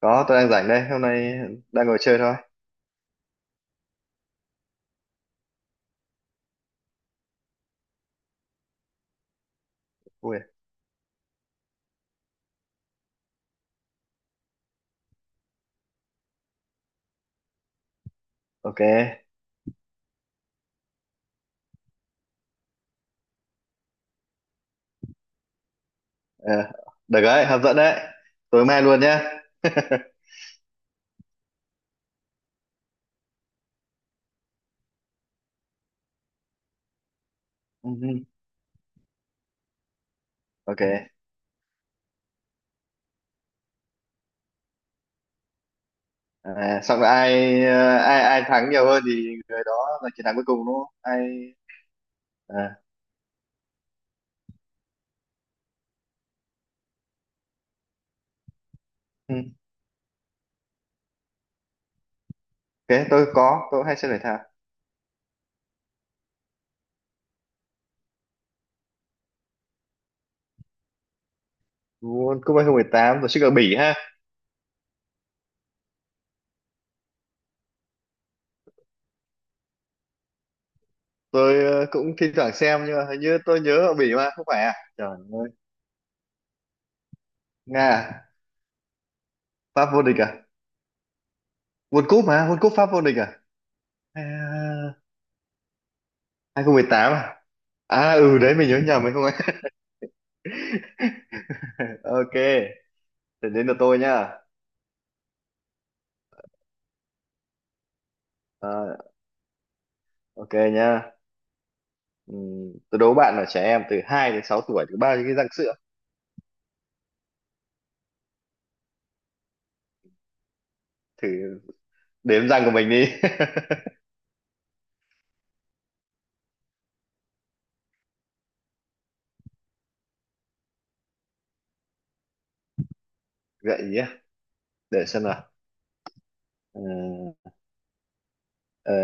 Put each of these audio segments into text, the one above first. Có, tôi đang rảnh đây, hôm nay đang ngồi chơi thôi. Ui, ok. Ờ, được đấy, hấp dẫn đấy. Tối mai luôn nhá. Ừ, ok. À, xong rồi ai ờ, ai ai thắng nhiều hơn thì người đó là chiến thắng cuối cùng đúng không? Ai à, ừ. Ok, tôi có, tôi cũng hay xem thể thao. World Cup 2018 tổ chức ở Bỉ ha. Tôi cũng thi thoảng xem nhưng mà hình như tôi nhớ ở Bỉ mà không phải à? Trời ơi. Nga à? Pháp vô địch à? World Cup mà, World Cup Pháp vô địch à? À, 2018 à? À ừ đấy mình nhớ nhầm mình không ấy. Ok, thì đến lượt tôi nhá. À, ok nhá. Tôi đố bạn là trẻ em từ 2 đến 6 tuổi có bao nhiêu cái răng sữa? Thử đếm răng của mình đi. Gợi ý à? Để xem nào. Ờ, ờ,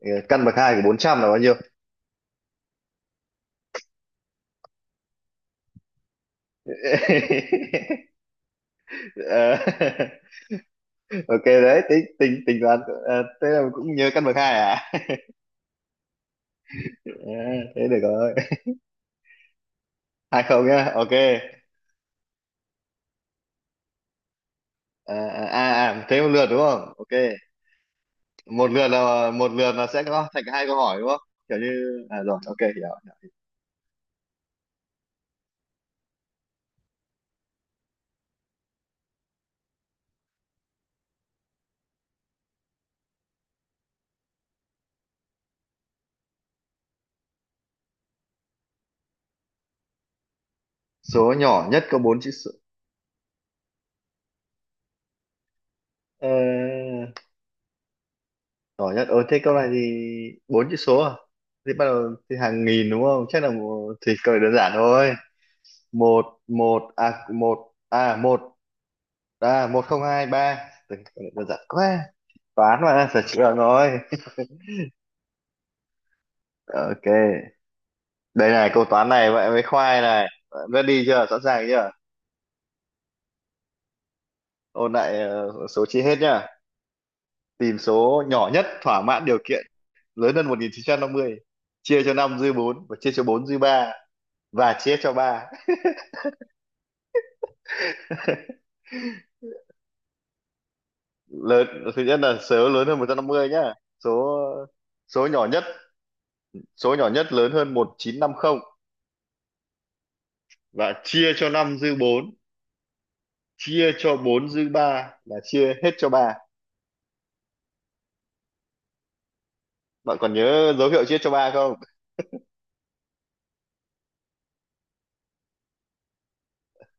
ờ, Căn bậc hai của 400 là bao nhiêu? Ờ, ok đấy, tính tính tính toán. Thế là cũng nhớ căn bậc hai à? Ờ, thế được rồi. Hai không nhá. Ok. Thế một lượt đúng không? Ok. Một lượt là sẽ có thành hai câu hỏi đúng không, kiểu như. À rồi, ok, hiểu. Số nhỏ nhất có bốn chữ số, ờ, nhỏ nhất. Ờ thế câu này thì bốn chữ số à, thì bắt đầu thì hàng nghìn đúng không, chắc là một, thì câu này đơn giản thôi. Một một à một à một à Một không hai ba. Tưởng câu này đơn giản quá, toán mà phải chịu được rồi. Ok, đây này, câu toán này vậy với khoai này. Ready chưa, sẵn sàng chưa? Ôn lại. Ờ, Số chi hết nhá, tìm số nhỏ nhất thỏa mãn điều kiện lớn hơn 1950, chia cho 5 dư 4 và chia cho 4 dư 3 và chia cho 3. Lớn, thứ nhất là số lớn hơn 150 nhá. Số số nhỏ nhất, số nhỏ nhất lớn hơn 1950 và chia cho 5 dư 4, chia cho 4 dư 3, là chia hết cho 3. Bạn còn nhớ dấu hiệu chia cho 3 không?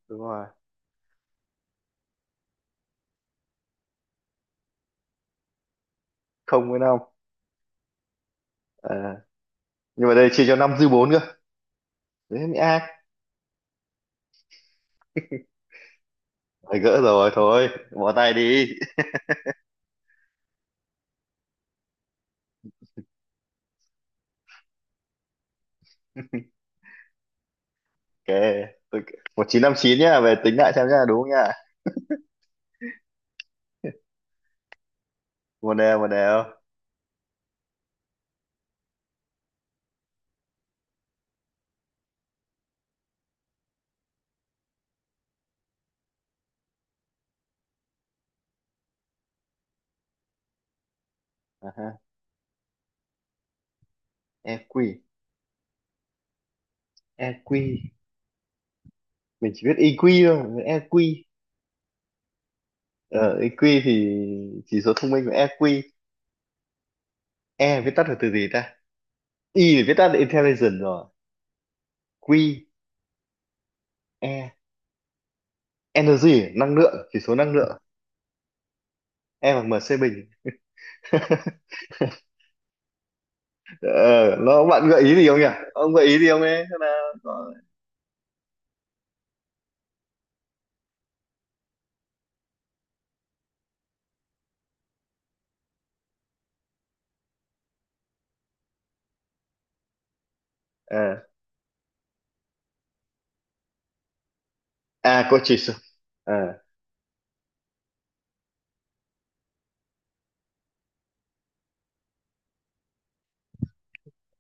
Đúng rồi. Không với 5. À, nhưng mà đây chia cho 5 dư 4 cơ. Đấy mới ác. Phải gỡ rồi, thôi bỏ tay đi. Ok, tôi... 1959 nhá, về tính lại xem nhá, đúng không nhá? Một đều, một đều. À ha, EQ, EQ. Mình chỉ biết EQ thôi, mình biết EQ. Ờ, EQ thì chỉ số thông minh của EQ. E viết tắt là từ gì ta? I thì viết tắt là intelligence rồi. Q, E, energy, năng lượng, chỉ số năng lượng. E bằng MC bình. Ờ, nó bạn gợi ý gì không nhỉ? Ông gợi ý gì không ấy? Thế là có... Ờ, À, có chỉ số. Ờ,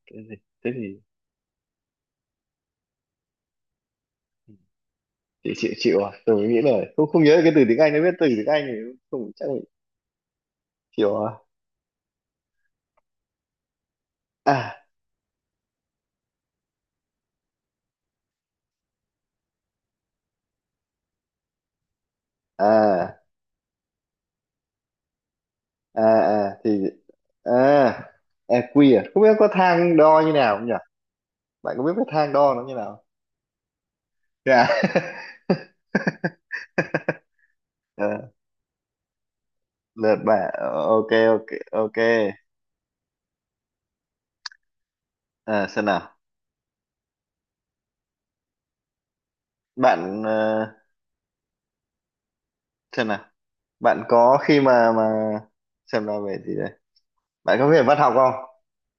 cái gì? Thế thì... chịu, tôi nghĩ là không, không nhớ cái từ tiếng Anh, nó biết từ tiếng Anh thì không chắc mình. Chịu à à à à à thì à à quy, à không biết có thang đo như nào không nhỉ, bạn có biết cái thang đo nó như nào. Dạ. À, lượt bạn. Ờ, ok, ok, ok. À, xem nào. bạn ờ, xem nào. Bạn có khi mà Xem nào về gì đây, bạn có về văn học không?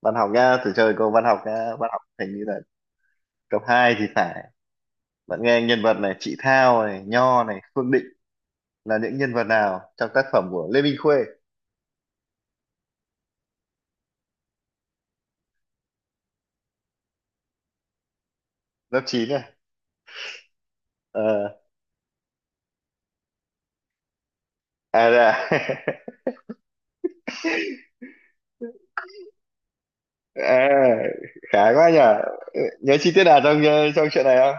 Văn học nha, thử chơi câu văn học nha. Văn học hình như là cấp 2 thì phải. Bạn nghe nhân vật này, chị Thao này, Nho này, Phương Định, là những nhân vật nào trong tác phẩm của Lê Minh Khuê? Lớp chín này. Ờ. À, dạ. À, khá quá nhở. Ừ, nhớ chi tiết nào trong trong chuyện này không?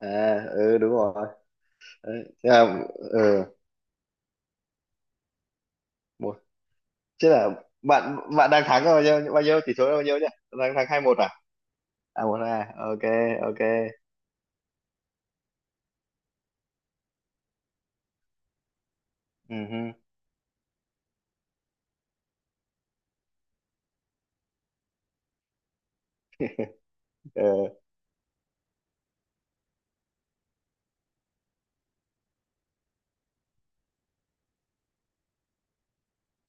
À ừ đúng rồi. Đấy, thế là, ừ, một chứ. Là bạn bạn đang thắng bao nhiêu, bao nhiêu, tỷ số là bao nhiêu nhỉ? Đang thắng hai một à? À một à? Ok, ok. Ừ, ừ.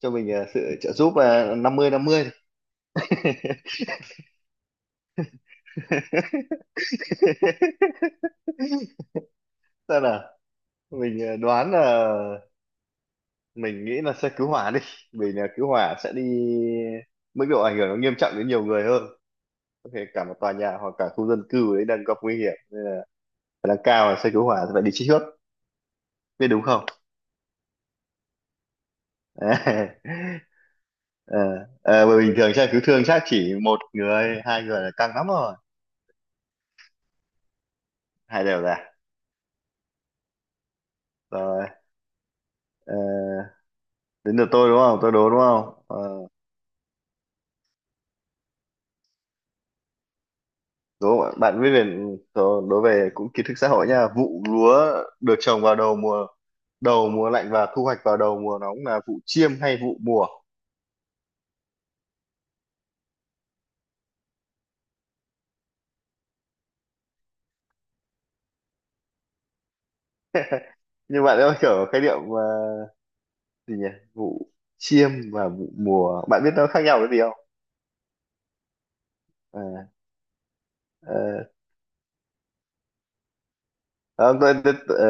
Cho mình sự trợ giúp là năm mươi năm mươi. Sao nào? Mình đoán là, mình nghĩ là sẽ cứu hỏa đi. Vì là cứu hỏa sẽ đi, mức độ ảnh hưởng nó nghiêm trọng đến nhiều người hơn. Có thể cả một tòa nhà hoặc cả khu dân cư đấy đang gặp nguy hiểm. Khả năng cao là xe cứu hỏa sẽ phải đi trước. Biết đúng không? Ờ, ờ, bởi bình thường xe cứu thương chắc chỉ một người, hai người là căng lắm rồi. Hai đều là. Rồi, ờ, đến lượt tôi đúng không? Tôi đố đúng không? Ờ, đúng không ạ? Bạn viết về đó- đối về cũng kiến thức xã hội nha. Vụ lúa được trồng vào đầu mùa lạnh và thu hoạch vào đầu mùa nóng là vụ chiêm hay vụ mùa? Nhưng bạn ơi, kiểu khái niệm mà gì nhỉ? Vụ chiêm và vụ mùa. Bạn biết nó khác nhau cái gì không? À, ờ, không, tôi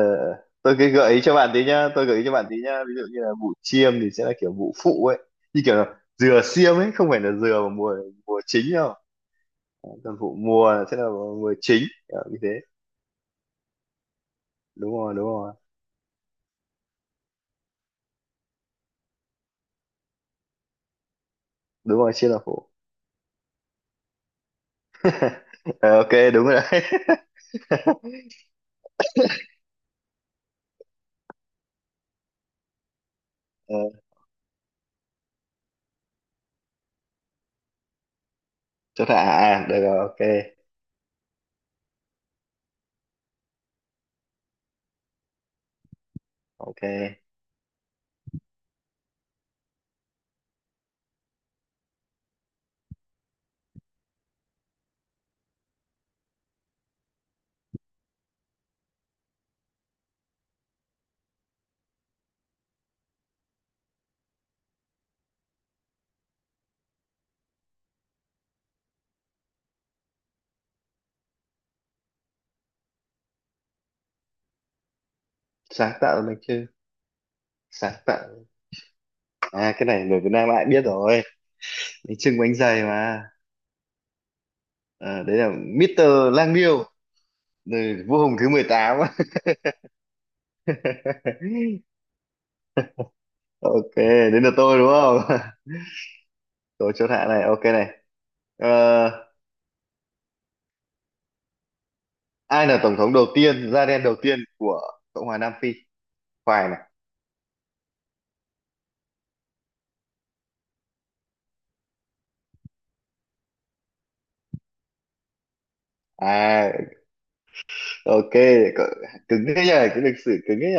tôi cái gợi ý cho bạn tí nhá, tôi gợi ý cho bạn tí nhá. Ví dụ như là vụ chiêm thì sẽ là kiểu vụ phụ ấy, như kiểu là dừa xiêm ấy, không phải là dừa mà mùa mùa chính đâu. Còn vụ mùa sẽ là mùa chính, kiểu như thế. Đúng rồi, đúng rồi, đúng rồi, chia là phụ. Ờ, ok, đúng rồi đấy. Ờ, chỗ thả à, được rồi, ok, ok. Sáng tạo là bánh chưng, sáng tạo. À cái này người Việt Nam ai biết rồi, bánh chưng bánh dày mà. Ờ, đấy là Mister Lang Biêu, người vua hùng thứ mười tám. Ok, đến lượt tôi đúng không? Tôi chỗ thả này, ok này. Ờ, ai là tổng thống đầu tiên, da đen đầu tiên của Cộng hòa Nam Phi? Khoai này. À, ok. Cỡ- cứng thế nhỉ, cái lịch sử cứng thế nhỉ.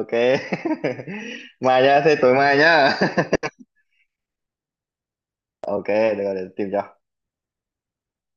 Ok. Mai nhá, thế tối mai nhá. Ok, được rồi, để tìm cho.